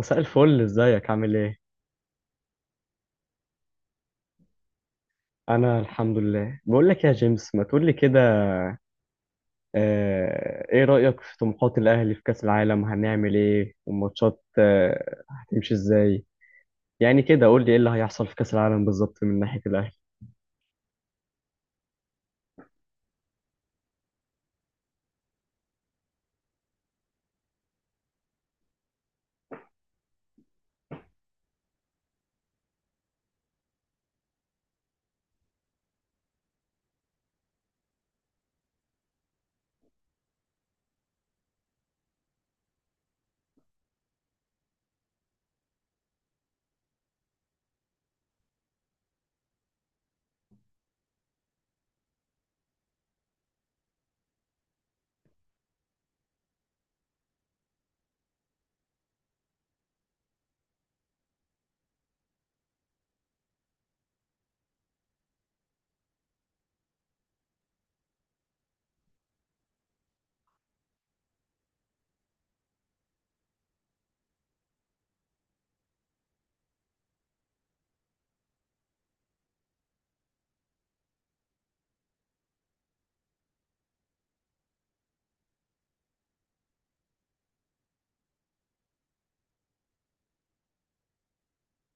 مساء الفل، ازيك؟ عامل ايه؟ انا الحمد لله. بقول لك يا جيمس ما تقول لي كده. ايه رأيك في طموحات الاهلي في كأس العالم؟ هنعمل ايه والماتشات هتمشي ازاي؟ يعني كده قول لي ايه اللي هيحصل في كأس العالم بالظبط من ناحية الاهلي.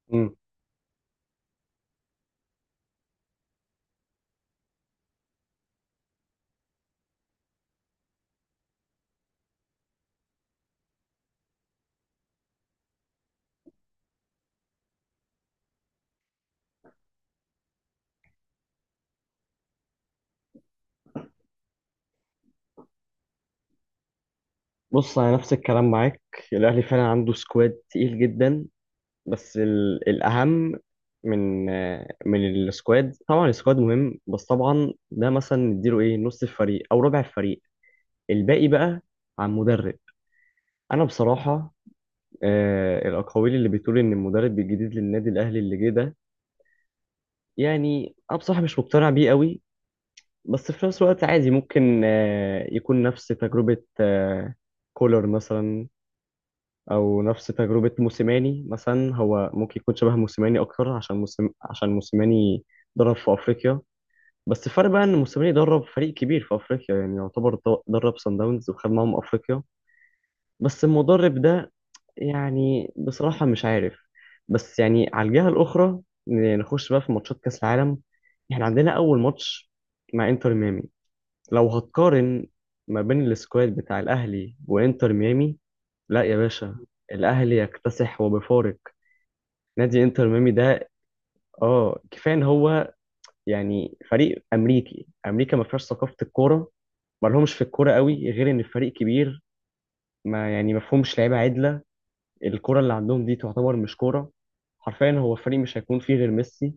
مم. بص، انا نفس الكلام معاك. الاهلي فعلا عنده سكواد تقيل جدا. بس الاهم من من السكواد، طبعا السكواد مهم، بس طبعا ده مثلا نديله ايه، نص الفريق او ربع الفريق. الباقي بقى عن مدرب. انا بصراحه الاقاويل اللي بتقول ان المدرب الجديد للنادي الاهلي اللي جه ده، يعني انا بصراحه مش مقتنع بيه قوي. بس في نفس الوقت عادي، ممكن يكون نفس تجربه كولر مثلا، او نفس تجربه موسيماني مثلا. هو ممكن يكون شبه موسيماني اكتر، عشان موسم عشان موسيماني درب في افريقيا. بس الفرق بقى ان موسيماني درب فريق كبير في افريقيا، يعني يعتبر درب سان داونز وخد معاهم افريقيا. بس المدرب ده يعني بصراحة مش عارف. بس يعني على الجهة الأخرى، نخش بقى في ماتشات كأس العالم. احنا عندنا أول ماتش مع إنتر ميامي. لو هتقارن ما بين السكواد بتاع الأهلي وإنتر ميامي، لا يا باشا، الأهلي يكتسح وبفارق نادي إنتر ميامي ده. اه، كفاية إن هو يعني فريق أمريكي. أمريكا ما فيهاش ثقافة الكورة، ما لهمش في الكورة قوي، غير إن الفريق كبير ما يعني ما فيهمش لعيبة عدلة. الكرة اللي عندهم دي تعتبر مش كرة. حرفيا هو الفريق مش هيكون فيه غير ميسي،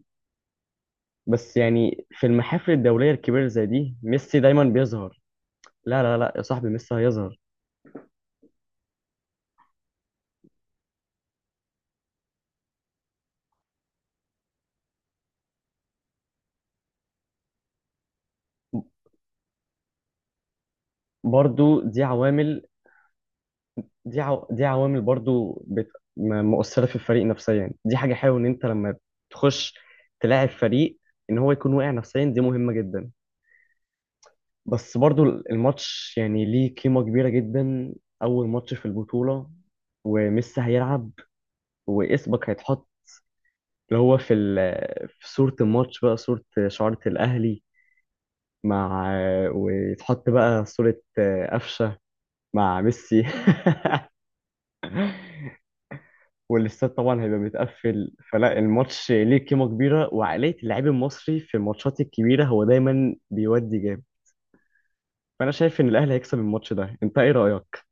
بس يعني في المحافل الدولية الكبيرة زي دي ميسي دايما بيظهر. لا لا لا يا صاحبي، ميسي هيظهر. برضو دي عوامل. دي عوامل برضو مؤثرة في الفريق نفسيا. يعني دي حاجة حلوة إن أنت لما تخش تلاعب فريق إن هو يكون واقع نفسيا، دي مهمة جدا. بس برضو الماتش يعني ليه قيمة كبيرة جدا، أول ماتش في البطولة، وميسي هيلعب، واسمك هيتحط اللي هو في في صورة الماتش، بقى صورة شعارة الأهلي مع، ويتحط بقى صورة قفشة مع ميسي. والاستاد طبعا هيبقى متقفل، فلا الماتش ليه قيمة كبيرة، وعقلية اللاعب المصري في الماتشات الكبيرة هو دايما بيودي جامد. فأنا شايف إن الأهلي هيكسب الماتش ده. أنت إيه رأيك؟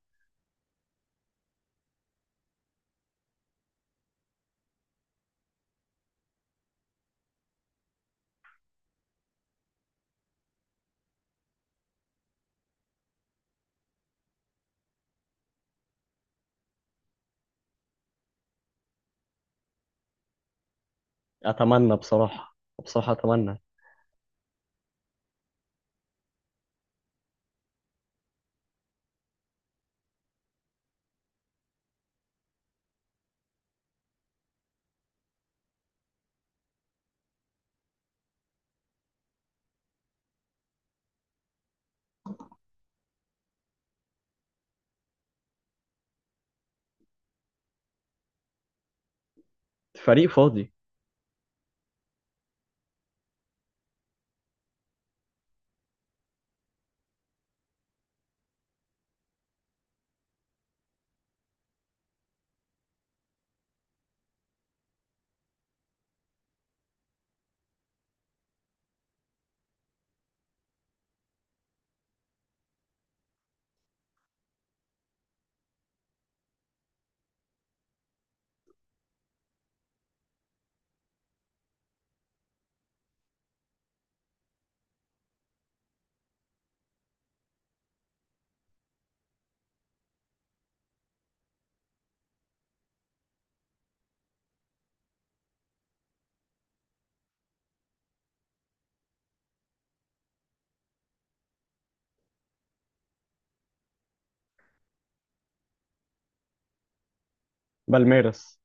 أتمنى بصراحة. بصراحة أتمنى. فريق فاضي. بالميراس.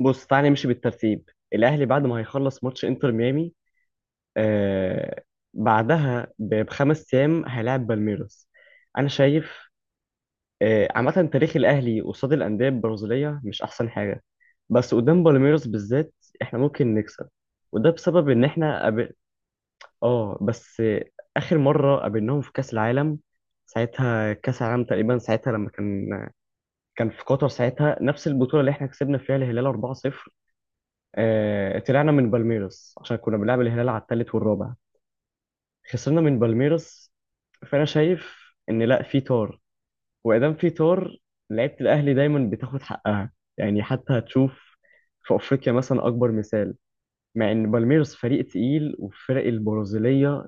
بص تعالى نمشي بالترتيب. الأهلي بعد ما هيخلص ماتش إنتر ميامي، آه، بعدها بخمس ايام هيلاعب بالميروس. انا شايف، آه، عامه تاريخ الاهلي قصاد الانديه البرازيليه مش احسن حاجه، بس قدام بالميروس بالذات احنا ممكن نكسب. وده بسبب ان احنا اه، بس، اخر مره قابلناهم في كاس العالم، ساعتها كاس العالم تقريبا، ساعتها لما كان في قطر، ساعتها نفس البطوله اللي احنا كسبنا فيها الهلال 4-0. طلعنا من بالميروس عشان كنا بنلعب الهلال على الثالث والرابع، خسرنا من بالميروس. فانا شايف ان لا، في طار وادام في طار لعيبه الاهلي دايما بتاخد حقها، يعني حتى هتشوف في افريقيا مثلا اكبر مثال. مع ان بالميرس فريق تقيل، والفرق البرازيليه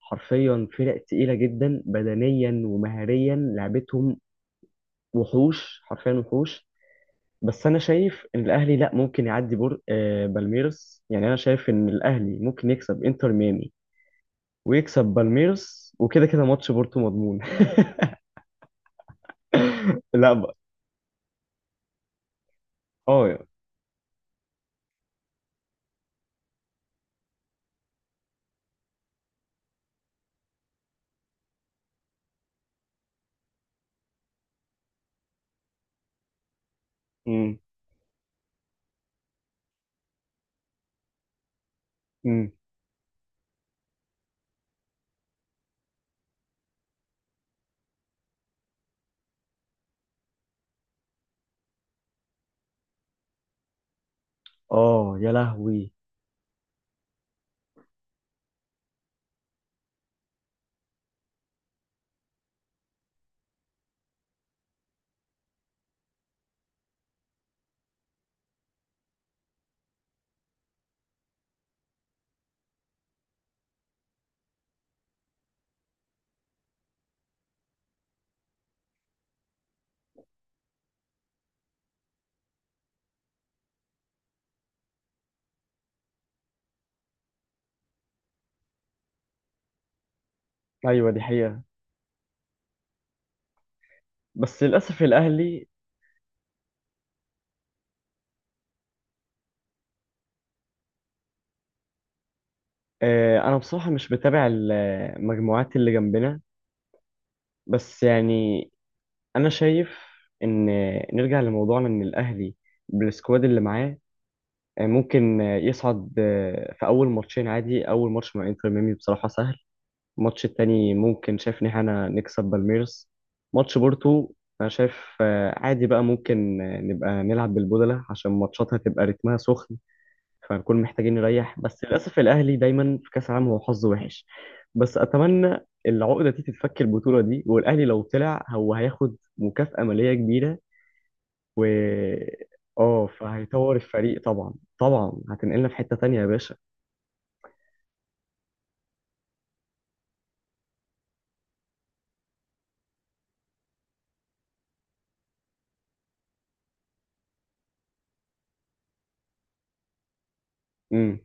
حرفيا فرق تقيله جدا بدنيا ومهريا، لعبتهم وحوش حرفيا، وحوش. بس انا شايف ان الاهلي لا، ممكن يعدي بور آه، بالميرس. يعني انا شايف ان الاهلي ممكن يكسب انتر ميامي ويكسب بالميرس، وكده كده ماتش بورتو مضمون. لا بقى. اه. امم. امم. اه يا لهوي. ايوه دي حقيقة. بس للاسف الاهلي، انا بصراحة مش بتابع المجموعات اللي جنبنا. بس يعني انا شايف ان، نرجع لموضوعنا، ان الاهلي بالسكواد اللي معاه ممكن يصعد في اول ماتشين عادي. اول ماتش مع انتر ميامي بصراحة سهل. الماتش التاني ممكن، شايف ان احنا نكسب بالميرس. ماتش بورتو انا شايف عادي بقى، ممكن نبقى نلعب بالبودلة عشان ماتشاتها تبقى رتمها سخن، فنكون محتاجين نريح. بس للأسف الأهلي دايما في كأس العالم هو حظه وحش. بس أتمنى العقدة دي تتفك البطولة دي، والأهلي لو طلع هو هياخد مكافأة مالية كبيرة، و، اه، فهيطور الفريق. طبعا طبعا هتنقلنا في حتة تانية يا باشا. امم.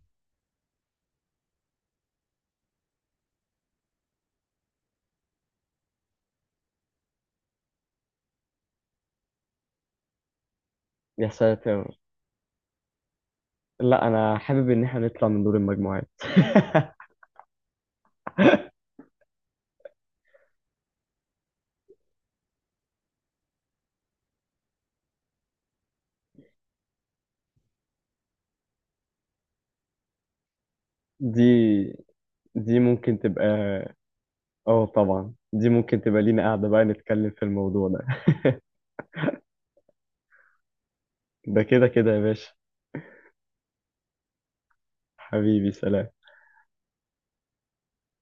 يا ساتر، لا أنا حابب إن احنا نطلع من دور المجموعات. دي، دي ممكن تبقى، اه طبعا، دي ممكن تبقى لينا قاعدة بقى نتكلم في الموضوع ده. ده كده كده يا باشا. حبيبي، سلام.